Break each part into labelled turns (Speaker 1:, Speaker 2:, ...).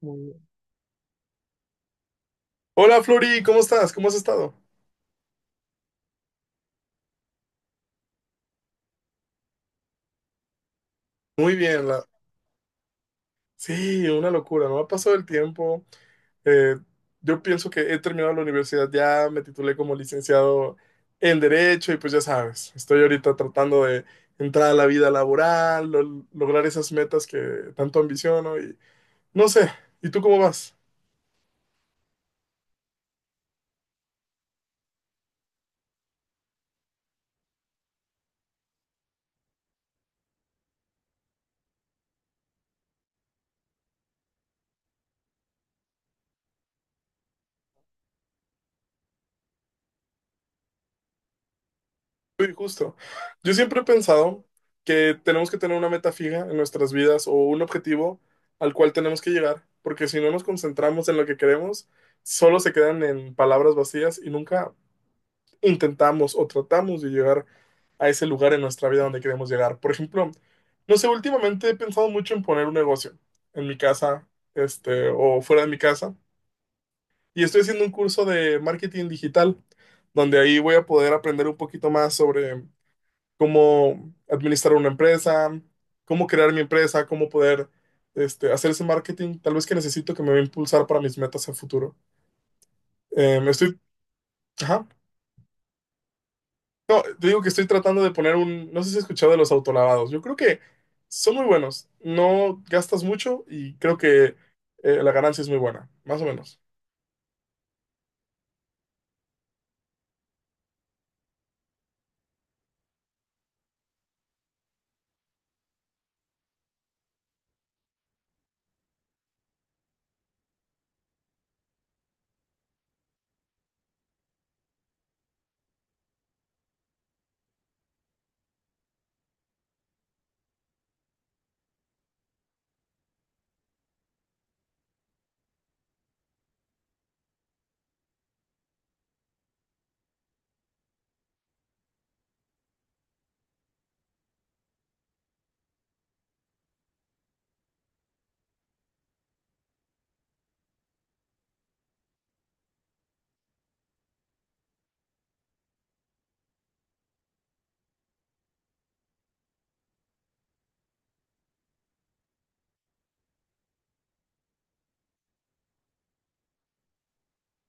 Speaker 1: Muy bien. Hola Flori, ¿cómo estás? ¿Cómo has estado? Muy bien, sí, una locura, no ha pasado el tiempo. Eh, yo pienso que he terminado la universidad ya, me titulé como licenciado en Derecho y pues ya sabes, estoy ahorita tratando de entrar a la vida laboral, lograr esas metas que tanto ambiciono y no sé, ¿y tú cómo vas? Sí, justo. Yo siempre he pensado que tenemos que tener una meta fija en nuestras vidas o un objetivo al cual tenemos que llegar, porque si no nos concentramos en lo que queremos, solo se quedan en palabras vacías y nunca intentamos o tratamos de llegar a ese lugar en nuestra vida donde queremos llegar. Por ejemplo, no sé, últimamente he pensado mucho en poner un negocio en mi casa, o fuera de mi casa, y estoy haciendo un curso de marketing digital, donde ahí voy a poder aprender un poquito más sobre cómo administrar una empresa, cómo crear mi empresa, cómo poder hacer ese marketing, tal vez que necesito que me va a impulsar para mis metas a futuro. Me estoy, ajá. No, te digo que estoy tratando de poner un, no sé si has escuchado de los autolavados. Yo creo que son muy buenos. No gastas mucho y creo que la ganancia es muy buena, más o menos.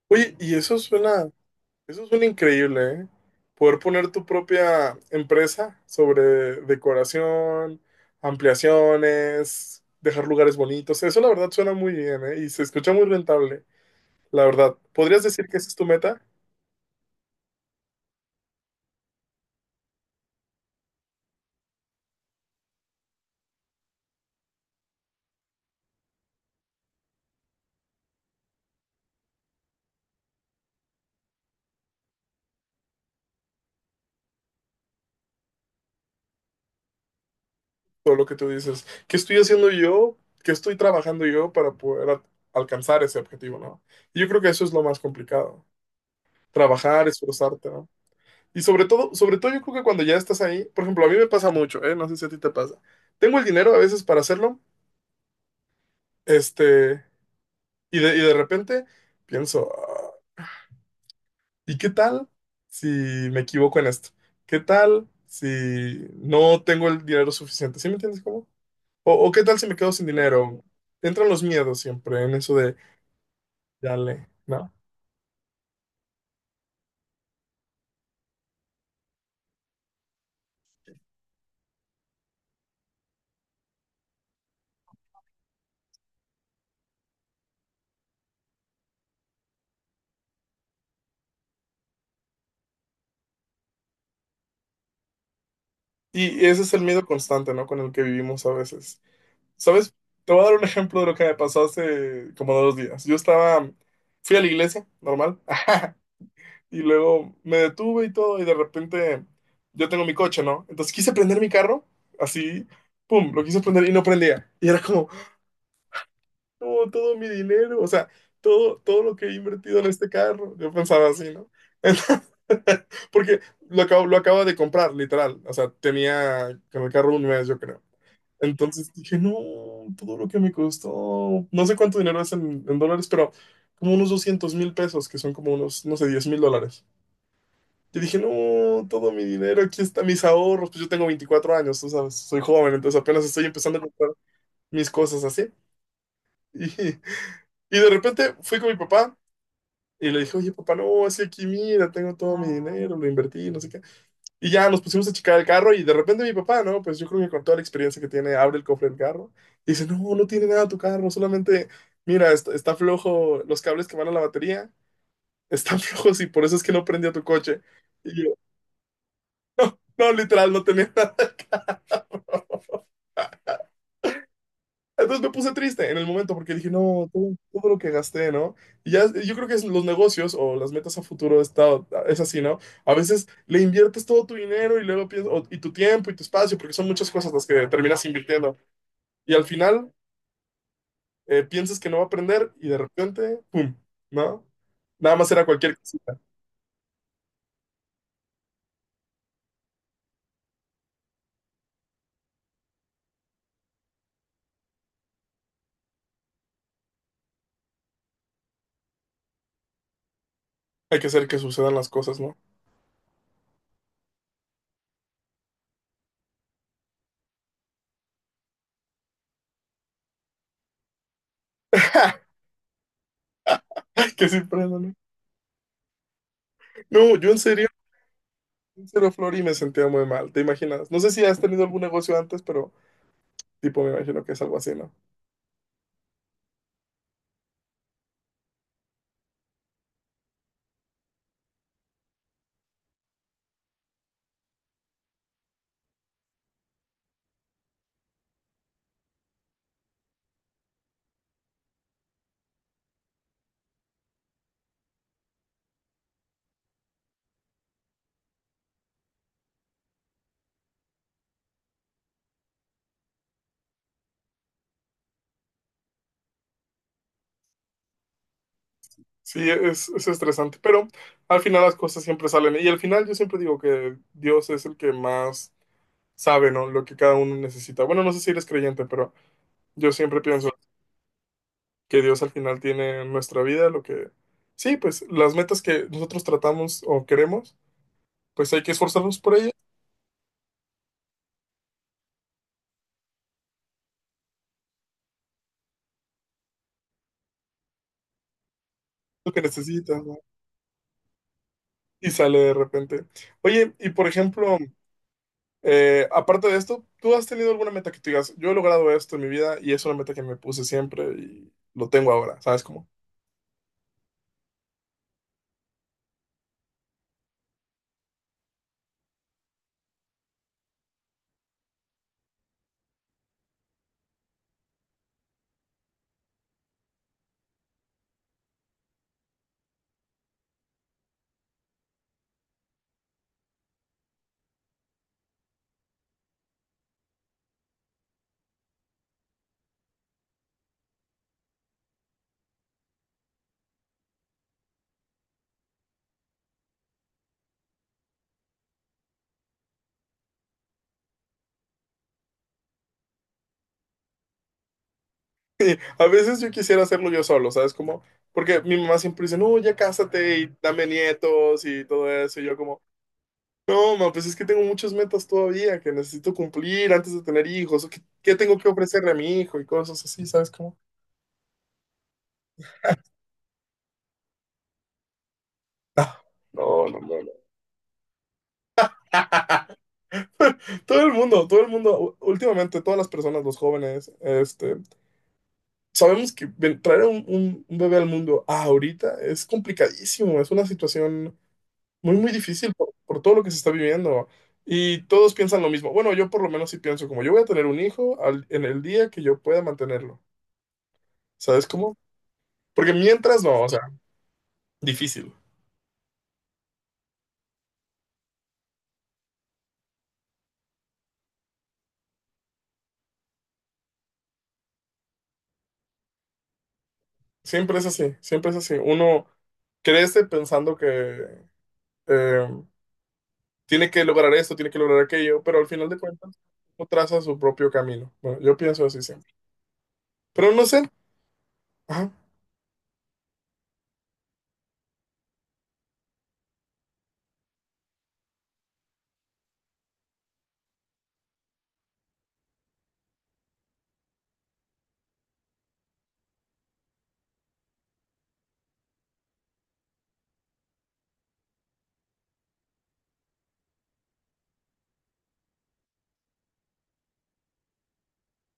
Speaker 1: Oye, y eso suena, eso es un increíble, ¿eh? Poder poner tu propia empresa sobre decoración, ampliaciones, dejar lugares bonitos. Eso la verdad suena muy bien, ¿eh? Y se escucha muy rentable, la verdad. ¿Podrías decir que esa es tu meta? Todo lo que tú dices. ¿Qué estoy haciendo yo? ¿Qué estoy trabajando yo para poder alcanzar ese objetivo, ¿no? Y yo creo que eso es lo más complicado. Trabajar, esforzarte, ¿no? Y sobre todo yo creo que cuando ya estás ahí, por ejemplo, a mí me pasa mucho, ¿eh? No sé si a ti te pasa. Tengo el dinero a veces para hacerlo, Este, y de repente pienso: "Ah, ¿y qué tal si me equivoco en esto? ¿Qué tal si no tengo el dinero suficiente? ¿Sí me entiendes cómo? O qué tal si me quedo sin dinero?". Entran los miedos siempre en eso de, dale, ¿no? Y ese es el miedo constante, ¿no? Con el que vivimos a veces. ¿Sabes? Te voy a dar un ejemplo de lo que me pasó hace como 2 días. Yo estaba, fui a la iglesia, normal. Y luego me detuve y todo, y de repente yo tengo mi coche, ¿no? Entonces quise prender mi carro, así, pum, lo quise prender y no prendía. Y era como, no, todo mi dinero, o sea, todo, todo lo que he invertido en este carro. Yo pensaba así, ¿no? Entonces, porque lo acabo de comprar, literal. O sea, tenía con el carro un mes, yo creo. Entonces dije, no, todo lo que me costó, no sé cuánto dinero es en dólares, pero como unos 200,000 pesos, que son como unos, no sé, 10,000 dólares. Yo dije, no, todo mi dinero, aquí están mis ahorros. Pues yo tengo 24 años, tú sabes, soy joven, entonces apenas estoy empezando a comprar mis cosas así. Y de repente fui con mi papá y le dije, oye, papá, no, así aquí mira, tengo todo mi dinero, lo invertí, no sé qué. Y ya nos pusimos a checar el carro y de repente mi papá, no, pues yo creo que con toda la experiencia que tiene, abre el cofre del carro y dice, no, no tiene nada tu carro, solamente, mira, está, flojo los cables que van a la batería, están flojos y por eso es que no prendió tu coche. Y yo, no, literal, no tenía nada. Entonces me puse triste en el momento porque dije, no, todo, todo lo que gasté, ¿no? Y ya, yo creo que es los negocios o las metas a futuro está, es así, ¿no? A veces le inviertes todo tu dinero y luego piensas, o- y tu tiempo y tu espacio, porque son muchas cosas las que terminas invirtiendo. Y al final piensas que no va a aprender y de repente, ¡pum! ¿No? Nada más era cualquier cosita. Hay que hacer que sucedan las cosas, ¿no? Que sí aprendan, ¿no? No, yo en serio, Flori, me sentía muy mal, ¿te imaginas? No sé si has tenido algún negocio antes, pero tipo, me imagino que es algo así, ¿no? Sí, es estresante, pero al final las cosas siempre salen. Y al final yo siempre digo que Dios es el que más sabe, ¿no? Lo que cada uno necesita. Bueno, no sé si eres creyente, pero yo siempre pienso que Dios al final tiene en nuestra vida lo que... Sí, pues las metas que nosotros tratamos o queremos, pues hay que esforzarnos por ellas, lo que necesitas, ¿no? Y sale de repente. Oye, y por ejemplo, aparte de esto, ¿tú has tenido alguna meta que tú digas, yo he logrado esto en mi vida y es una meta que me puse siempre y lo tengo ahora, ¿sabes cómo? Sí, a veces yo quisiera hacerlo yo solo, ¿sabes cómo? Porque mi mamá siempre dice, no, ya cásate y dame nietos y todo eso. Y yo como, no, mamá, pues es que tengo muchas metas todavía que necesito cumplir antes de tener hijos. ¿O qué tengo que ofrecerle a mi hijo? Y cosas así, ¿sabes cómo? Ah, no, no, no, no. Todo el mundo, últimamente todas las personas, los jóvenes, sabemos que traer un, un bebé al mundo ahorita es complicadísimo, es una situación muy, muy difícil por todo lo que se está viviendo. Y todos piensan lo mismo. Bueno, yo por lo menos sí pienso como yo voy a tener un hijo en el día que yo pueda mantenerlo. ¿Sabes cómo? Porque mientras no, o sea, difícil. Siempre es así, siempre es así. Uno crece pensando que eh, tiene que lograr esto, tiene que lograr aquello, pero al final de cuentas uno traza su propio camino. Bueno, yo pienso así siempre. Pero no sé. Ajá.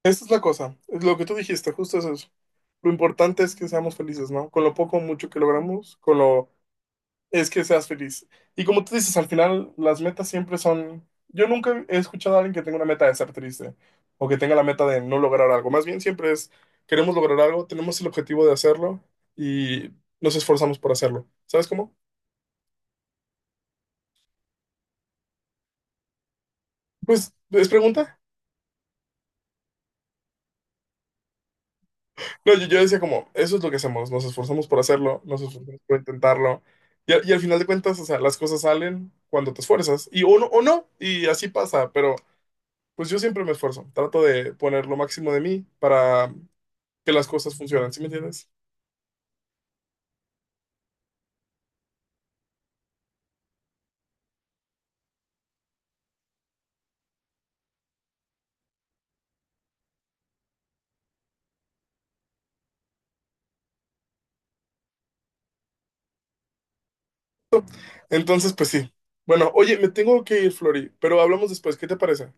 Speaker 1: Esa es la cosa, es lo que tú dijiste, justo es eso. Lo importante es que seamos felices, ¿no? Con lo poco o mucho que logramos, con lo es que seas feliz. Y como tú dices, al final las metas siempre son... Yo nunca he escuchado a alguien que tenga una meta de ser triste o que tenga la meta de no lograr algo. Más bien siempre es, queremos lograr algo, tenemos el objetivo de hacerlo y nos esforzamos por hacerlo. ¿Sabes cómo? Pues, ¿es pregunta? No, yo decía como, eso es lo que hacemos, nos esforzamos por hacerlo, nos esforzamos por intentarlo. Y al final de cuentas, o sea, las cosas salen cuando te esfuerzas. Y o no, y así pasa, pero pues yo siempre me esfuerzo. Trato de poner lo máximo de mí para que las cosas funcionen, ¿sí me entiendes? Entonces, pues sí. Bueno, oye, me tengo que ir, Flori, pero hablamos después, ¿qué te parece?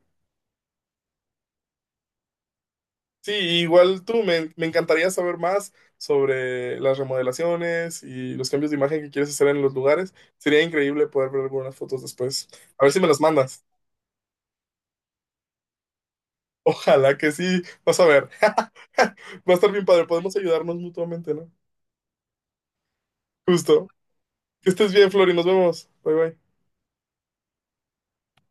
Speaker 1: Sí, igual tú, me encantaría saber más sobre las remodelaciones y los cambios de imagen que quieres hacer en los lugares. Sería increíble poder ver algunas fotos después. A ver si me las mandas. Ojalá que sí. Vas a ver. Va a estar bien padre. Podemos ayudarnos mutuamente, ¿no? Justo. Que estés bien, Flori. Nos vemos. Bye, bye.